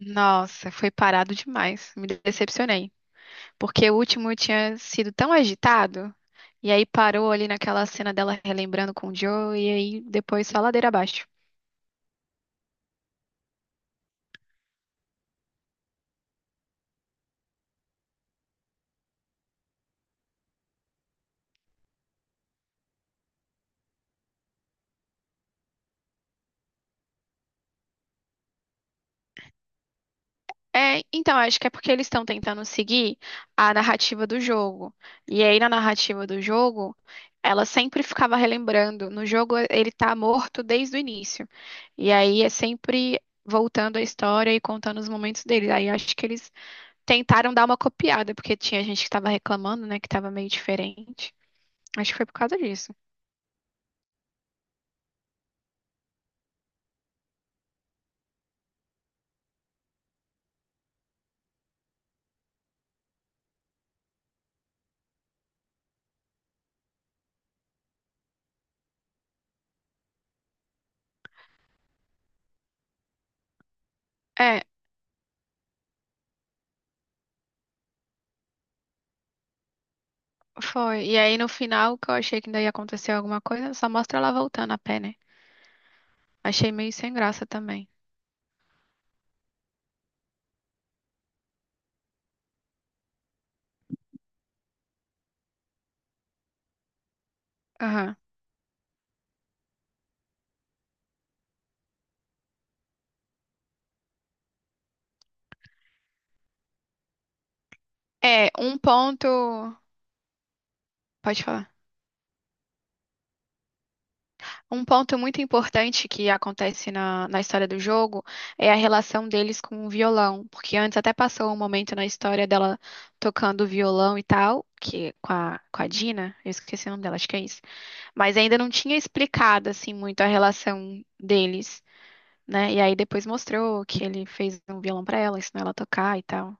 Nossa, foi parado demais. Me decepcionei. Porque o último tinha sido tão agitado. E aí parou ali naquela cena dela relembrando com o Joe. E aí depois só ladeira abaixo. É, então, acho que é porque eles estão tentando seguir a narrativa do jogo. E aí na narrativa do jogo, ela sempre ficava relembrando. No jogo, ele tá morto desde o início. E aí é sempre voltando a história e contando os momentos dele. Aí acho que eles tentaram dar uma copiada, porque tinha gente que tava reclamando, né, que tava meio diferente. Acho que foi por causa disso. É, foi. E aí no final, que eu achei que ainda ia acontecer alguma coisa, só mostra ela voltando a pé, né? Achei meio sem graça também. Aham. É, um ponto. Pode falar. Um ponto muito importante que acontece na história do jogo é a relação deles com o violão. Porque antes até passou um momento na história dela tocando violão e tal, que com a Dina, eu esqueci o nome dela, acho que é isso. Mas ainda não tinha explicado assim muito a relação deles, né? E aí depois mostrou que ele fez um violão pra ela, ensinou ela a tocar e tal.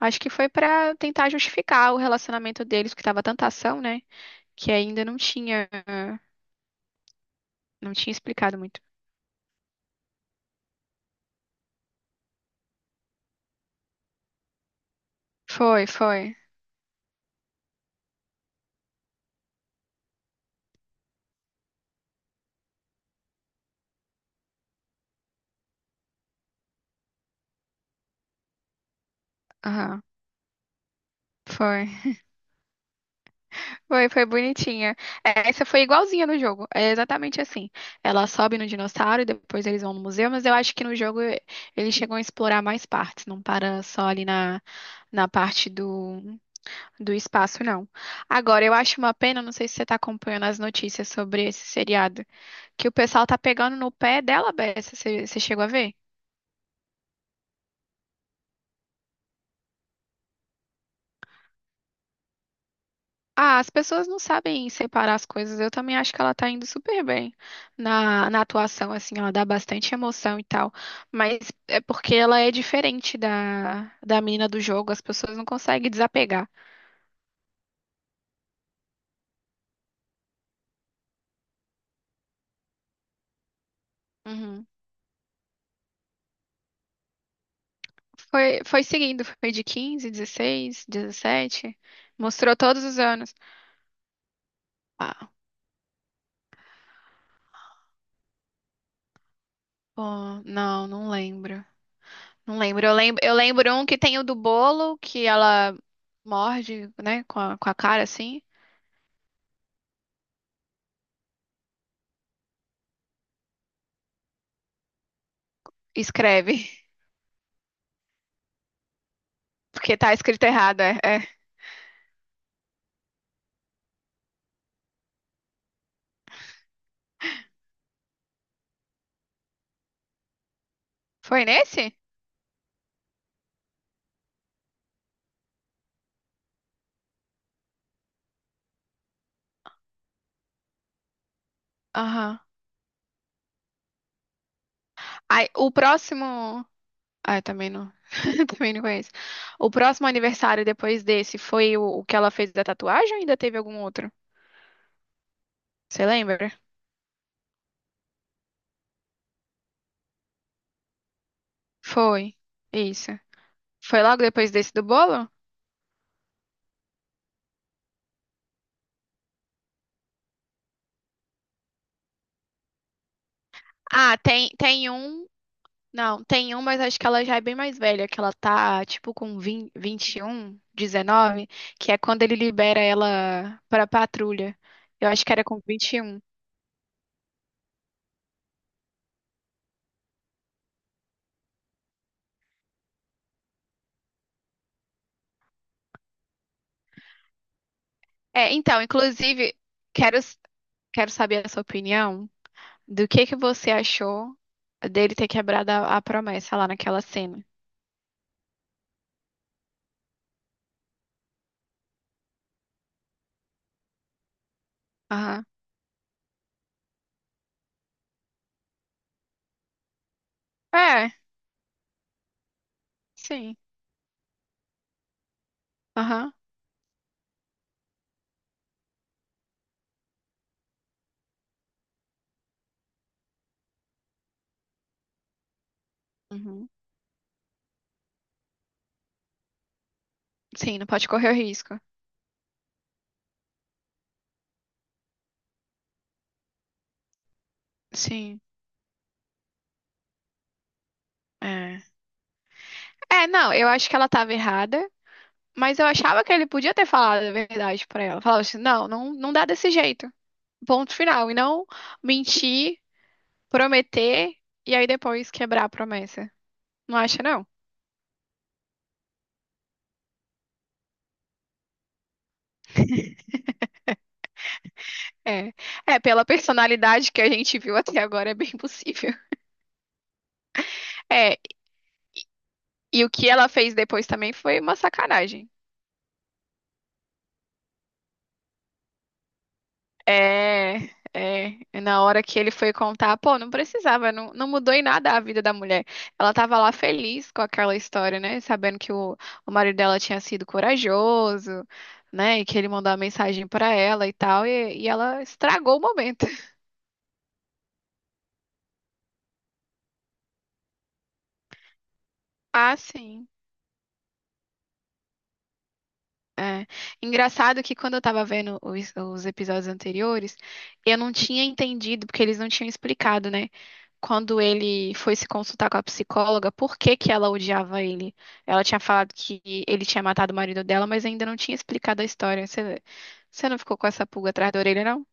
Acho que foi pra tentar justificar o relacionamento deles, que tava tanta ação, né? Que ainda não tinha explicado muito. Foi, foi. Aham. Foi, foi, foi bonitinha. É, essa foi igualzinha no jogo, é exatamente assim. Ela sobe no dinossauro e depois eles vão no museu, mas eu acho que no jogo eles chegam a explorar mais partes, não para só ali na parte do espaço, não. Agora, eu acho uma pena, não sei se você tá acompanhando as notícias sobre esse seriado, que o pessoal tá pegando no pé dela, Bessa, você chegou a ver? Ah, as pessoas não sabem separar as coisas. Eu também acho que ela tá indo super bem na atuação, assim, ela dá bastante emoção e tal. Mas é porque ela é diferente da menina do jogo, as pessoas não conseguem desapegar. Uhum. Foi, foi seguindo, foi de 15, 16, 17, mostrou todos os anos. Ah, pô, não, não lembro. Não lembro. Eu lembro um que tem o do bolo, que ela morde, né, com a cara assim, e escreve. Porque tá escrito errado, é. É. Foi nesse? Aham. Aí, o próximo. Ah, eu também não. Também não conheço. O próximo aniversário depois desse foi o que ela fez da tatuagem ou ainda teve algum outro? Você lembra? Foi. Isso. Foi logo depois desse do bolo? Ah, tem, tem um. Não, tem um, mas acho que ela já é bem mais velha, que ela tá, tipo, com vinte e um, 19, que é quando ele libera ela pra patrulha. Eu acho que era com 21. É, então, inclusive, quero, quero saber a sua opinião do que você achou dele ter quebrado a promessa lá naquela cena. Aham. É, sim. Aham. Uhum. Sim, não pode correr o risco. Sim. É. É, não, eu acho que ela tava errada. Mas eu achava que ele podia ter falado a verdade pra ela. Falava assim, não, não, não dá desse jeito. Ponto final. E não mentir, prometer e aí depois quebrar a promessa. Não acha, não? É. É, pela personalidade que a gente viu até agora, é bem possível. É, e o que ela fez depois também foi uma sacanagem. É, é. E na hora que ele foi contar, pô, não precisava, não, não mudou em nada a vida da mulher. Ela tava lá feliz com aquela história, né? Sabendo que o marido dela tinha sido corajoso, né? E que ele mandou uma mensagem pra ela e tal, e ela estragou o momento. Ah, sim. É. Engraçado que quando eu tava vendo os episódios anteriores, eu não tinha entendido, porque eles não tinham explicado, né? Quando ele foi se consultar com a psicóloga, por que que ela odiava ele? Ela tinha falado que ele tinha matado o marido dela, mas ainda não tinha explicado a história. Você, você não ficou com essa pulga atrás da orelha, não?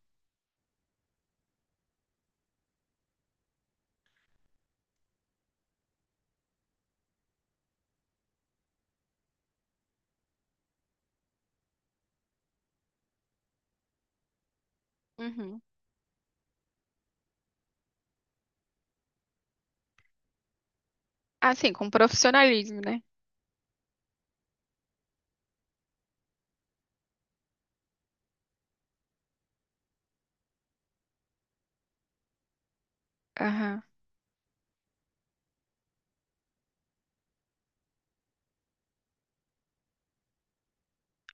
Uhum. Assim, com profissionalismo, né? Aham.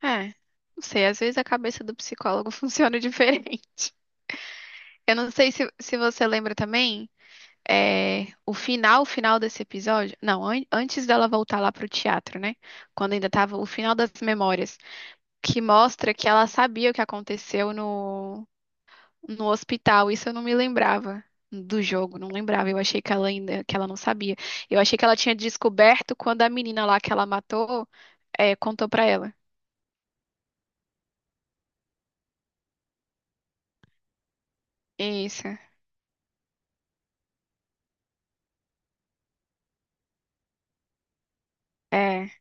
É. Não sei, às vezes a cabeça do psicólogo funciona diferente. Eu não sei se você lembra também. É, o final desse episódio, não, antes dela voltar lá pro teatro, né? Quando ainda tava o final das memórias, que mostra que ela sabia o que aconteceu no hospital. Isso eu não me lembrava do jogo, não lembrava. Eu achei que ela ainda, que ela não sabia. Eu achei que ela tinha descoberto quando a menina lá que ela matou, é, contou pra ela. Isso, é.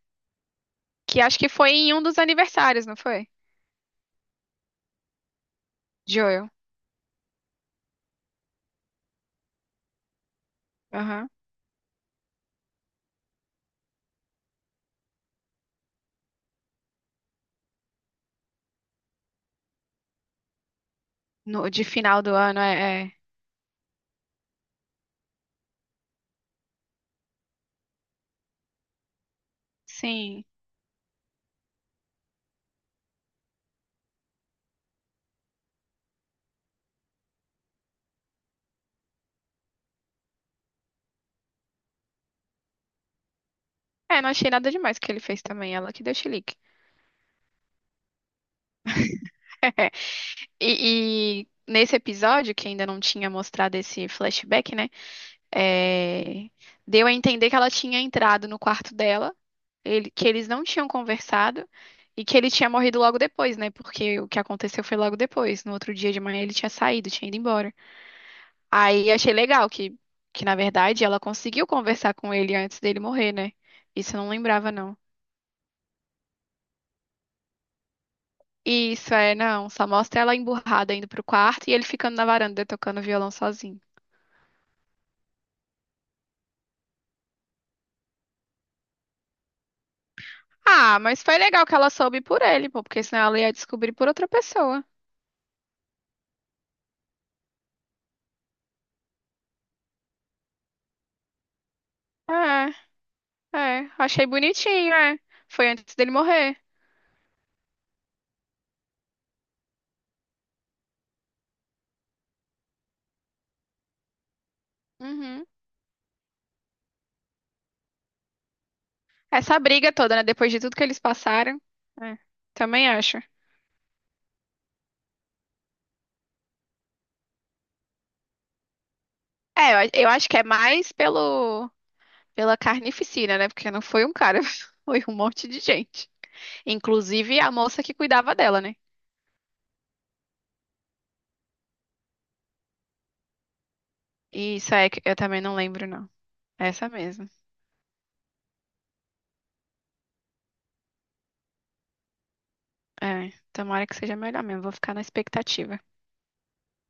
Que acho que foi em um dos aniversários, não foi? Joel. Aham. No, de final do ano, é. É. Sim. É, não achei nada demais que ele fez também, ela que deu chilique. E, e nesse episódio, que ainda não tinha mostrado esse flashback, né? É, deu a entender que ela tinha entrado no quarto dela, que eles não tinham conversado e que ele tinha morrido logo depois, né? Porque o que aconteceu foi logo depois. No outro dia de manhã ele tinha saído, tinha ido embora. Aí achei legal que na verdade, ela conseguiu conversar com ele antes dele morrer, né? Isso eu não lembrava, não. Isso, é, não. Só mostra ela emburrada indo pro quarto e ele ficando na varanda tocando violão sozinho. Ah, mas foi legal que ela soube por ele, pô, porque senão ela ia descobrir por outra pessoa. É, é. Achei bonitinho, é. Foi antes dele morrer. Uhum. Essa briga toda, né? Depois de tudo que eles passaram. É, também acho. É, eu acho que é mais pelo, pela carnificina, né? Porque não foi um cara, foi um monte de gente. Inclusive a moça que cuidava dela, né? Isso é que eu também não lembro, não. Essa mesmo. É, tomara que seja melhor mesmo. Vou ficar na expectativa.